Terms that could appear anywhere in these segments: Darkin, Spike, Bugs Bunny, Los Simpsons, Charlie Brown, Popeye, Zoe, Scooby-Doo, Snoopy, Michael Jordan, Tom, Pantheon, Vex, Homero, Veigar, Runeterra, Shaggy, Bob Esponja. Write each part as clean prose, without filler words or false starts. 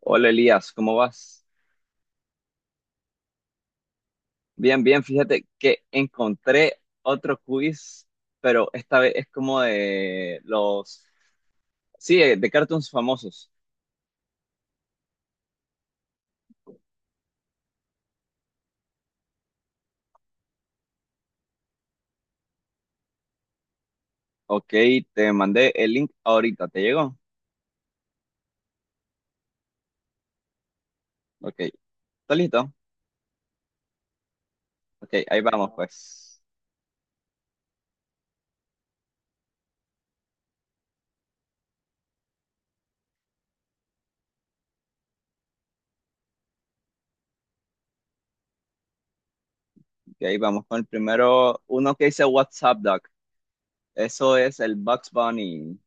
Hola Elías, ¿cómo vas? Bien, bien, fíjate que encontré otro quiz, pero esta vez es como de los, sí, de cartoons famosos. Ok, te mandé el link ahorita, ¿te llegó? Ok, ¿está listo? Ok, ahí vamos pues. Ok, ahí vamos con el primero, uno que dice What's Up, Doc. Eso es el Bugs Bunny.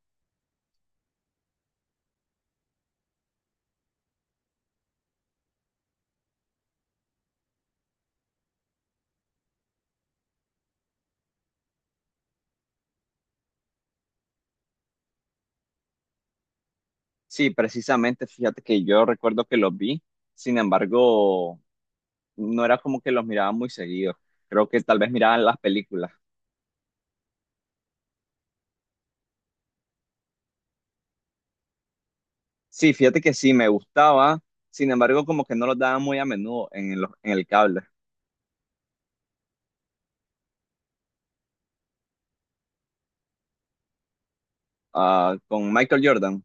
Sí, precisamente, fíjate que yo recuerdo que los vi, sin embargo, no era como que los miraba muy seguido. Creo que tal vez miraban las películas. Sí, fíjate que sí, me gustaba, sin embargo, como que no los daban muy a menudo en en el cable. Ah, con Michael Jordan,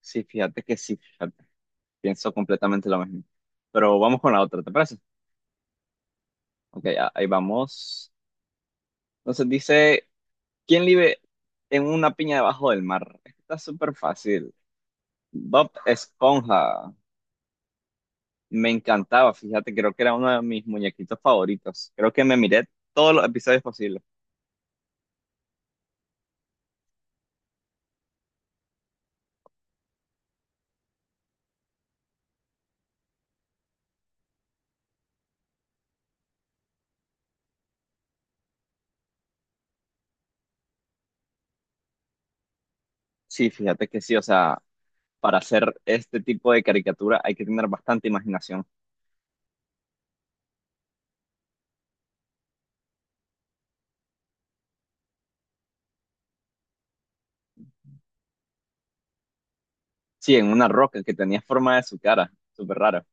sí, fíjate que sí, fíjate, pienso completamente lo mismo. Pero vamos con la otra, ¿te parece? Ok, ahí vamos. Entonces dice, ¿quién vive en una piña debajo del mar? Está súper fácil. Bob Esponja. Me encantaba, fíjate, creo que era uno de mis muñequitos favoritos. Creo que me miré todos los episodios posibles. Sí, fíjate que sí, o sea, para hacer este tipo de caricatura hay que tener bastante imaginación. Sí, en una roca que tenía forma de su cara, súper rara.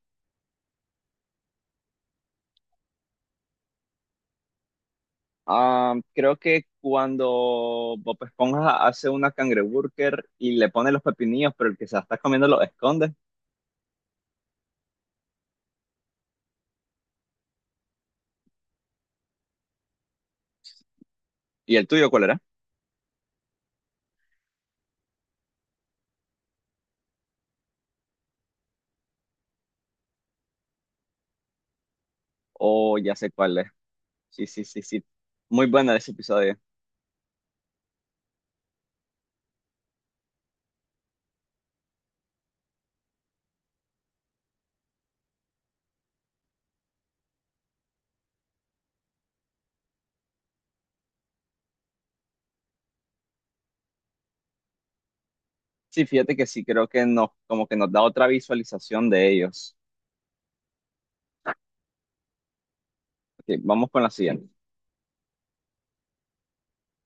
Ah, creo que cuando Bob Esponja hace una cangreburger y le pone los pepinillos, pero el que se la está comiendo los esconde. ¿Y el tuyo cuál era? Oh, ya sé cuál es. Sí, sí, sí, sí. Muy bueno ese episodio. Sí, fíjate que sí, creo que nos, como que nos da otra visualización de ellos. Ok, vamos con la siguiente.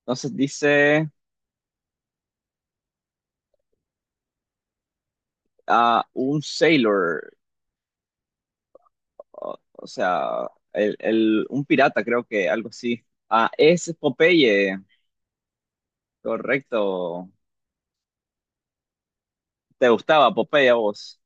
Entonces dice un sailor, o sea, un pirata, creo que algo así. Ah, es Popeye, correcto. ¿Te gustaba Popeye a vos?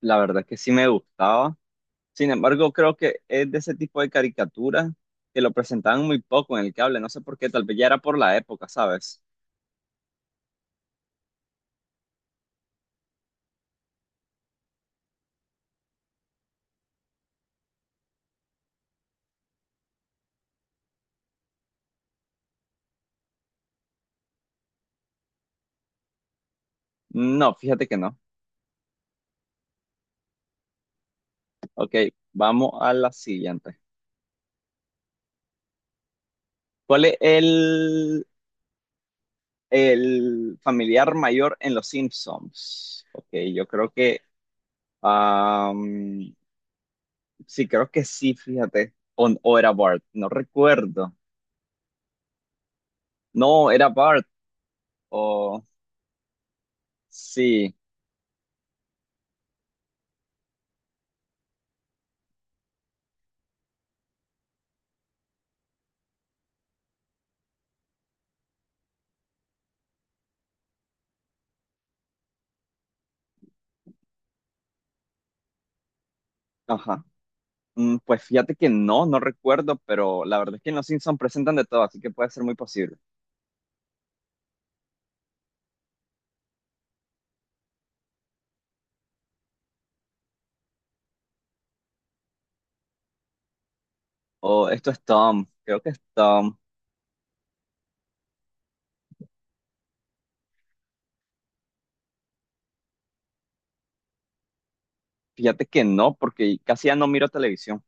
La verdad es que sí me gustaba. Sin embargo, creo que es de ese tipo de caricatura que lo presentaban muy poco en el cable. No sé por qué, tal vez ya era por la época, ¿sabes? No, fíjate que no. Ok, vamos a la siguiente. ¿Cuál es el familiar mayor en Los Simpsons? Ok, yo creo que... am, sí, creo que sí, fíjate. O era Bart, no recuerdo. No, era Bart. O sí, ajá. Pues fíjate que no, no recuerdo, pero la verdad es que en Los Simpsons presentan de todo, así que puede ser muy posible. O esto es Tom, creo que es Tom. Fíjate que no, porque casi ya no miro televisión.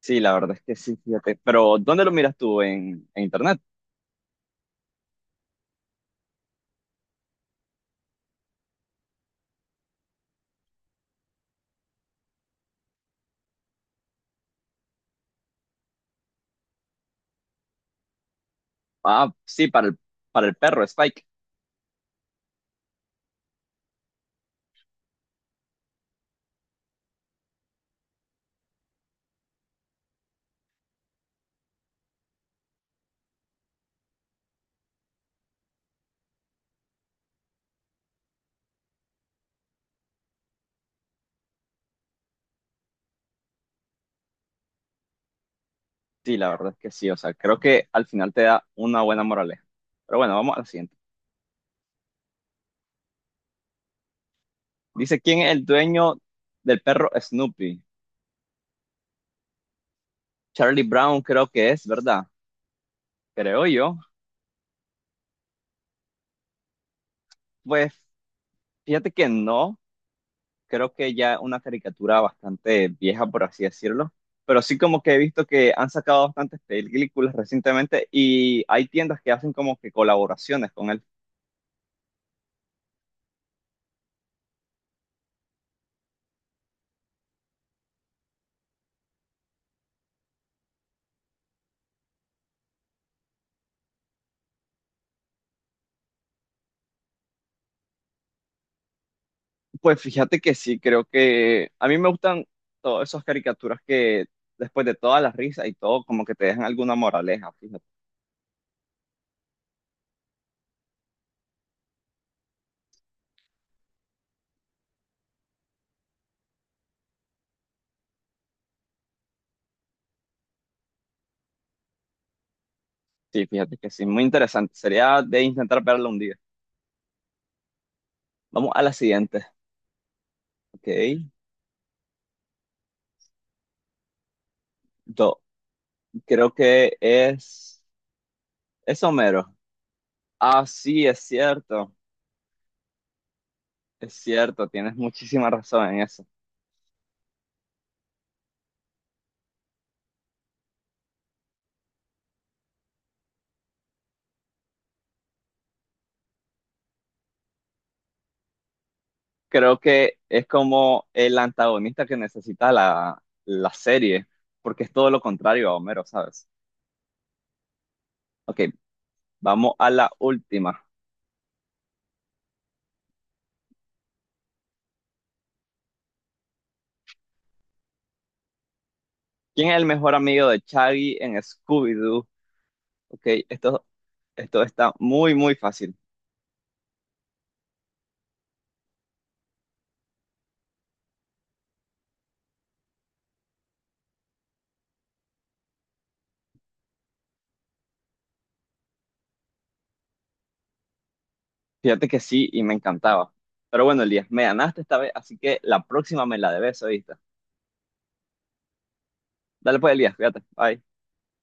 Sí, la verdad es que sí, fíjate. Pero, ¿dónde lo miras tú? En internet? Ah, sí, para el perro, Spike. Sí, la verdad es que sí. O sea, creo que al final te da una buena moraleja. Pero bueno, vamos a la siguiente. Dice, ¿quién es el dueño del perro Snoopy? Charlie Brown creo que es, ¿verdad? Creo yo. Pues, fíjate que no. Creo que ya es una caricatura bastante vieja, por así decirlo. Pero sí como que he visto que han sacado bastantes películas recientemente y hay tiendas que hacen como que colaboraciones con él. Pues fíjate que sí, creo que a mí me gustan todas esas caricaturas que después de todas las risas y todo, como que te dejan alguna moraleja, fíjate. Sí, fíjate que sí, muy interesante. Sería de intentar verlo un día. Vamos a la siguiente, ¿ok? Do- creo que es Homero. Ah, sí, es cierto, tienes muchísima razón en eso. Creo que es como el antagonista que necesita la serie, porque es todo lo contrario a Homero, ¿sabes? Ok, vamos a la última. ¿Quién es el mejor amigo de Shaggy en Scooby-Doo? Ok, esto, esto está muy, muy fácil. Fíjate que sí y me encantaba. Pero bueno, Elías, me ganaste esta vez, así que la próxima me la debes, ¿oíste? Dale pues, Elías, fíjate. Bye.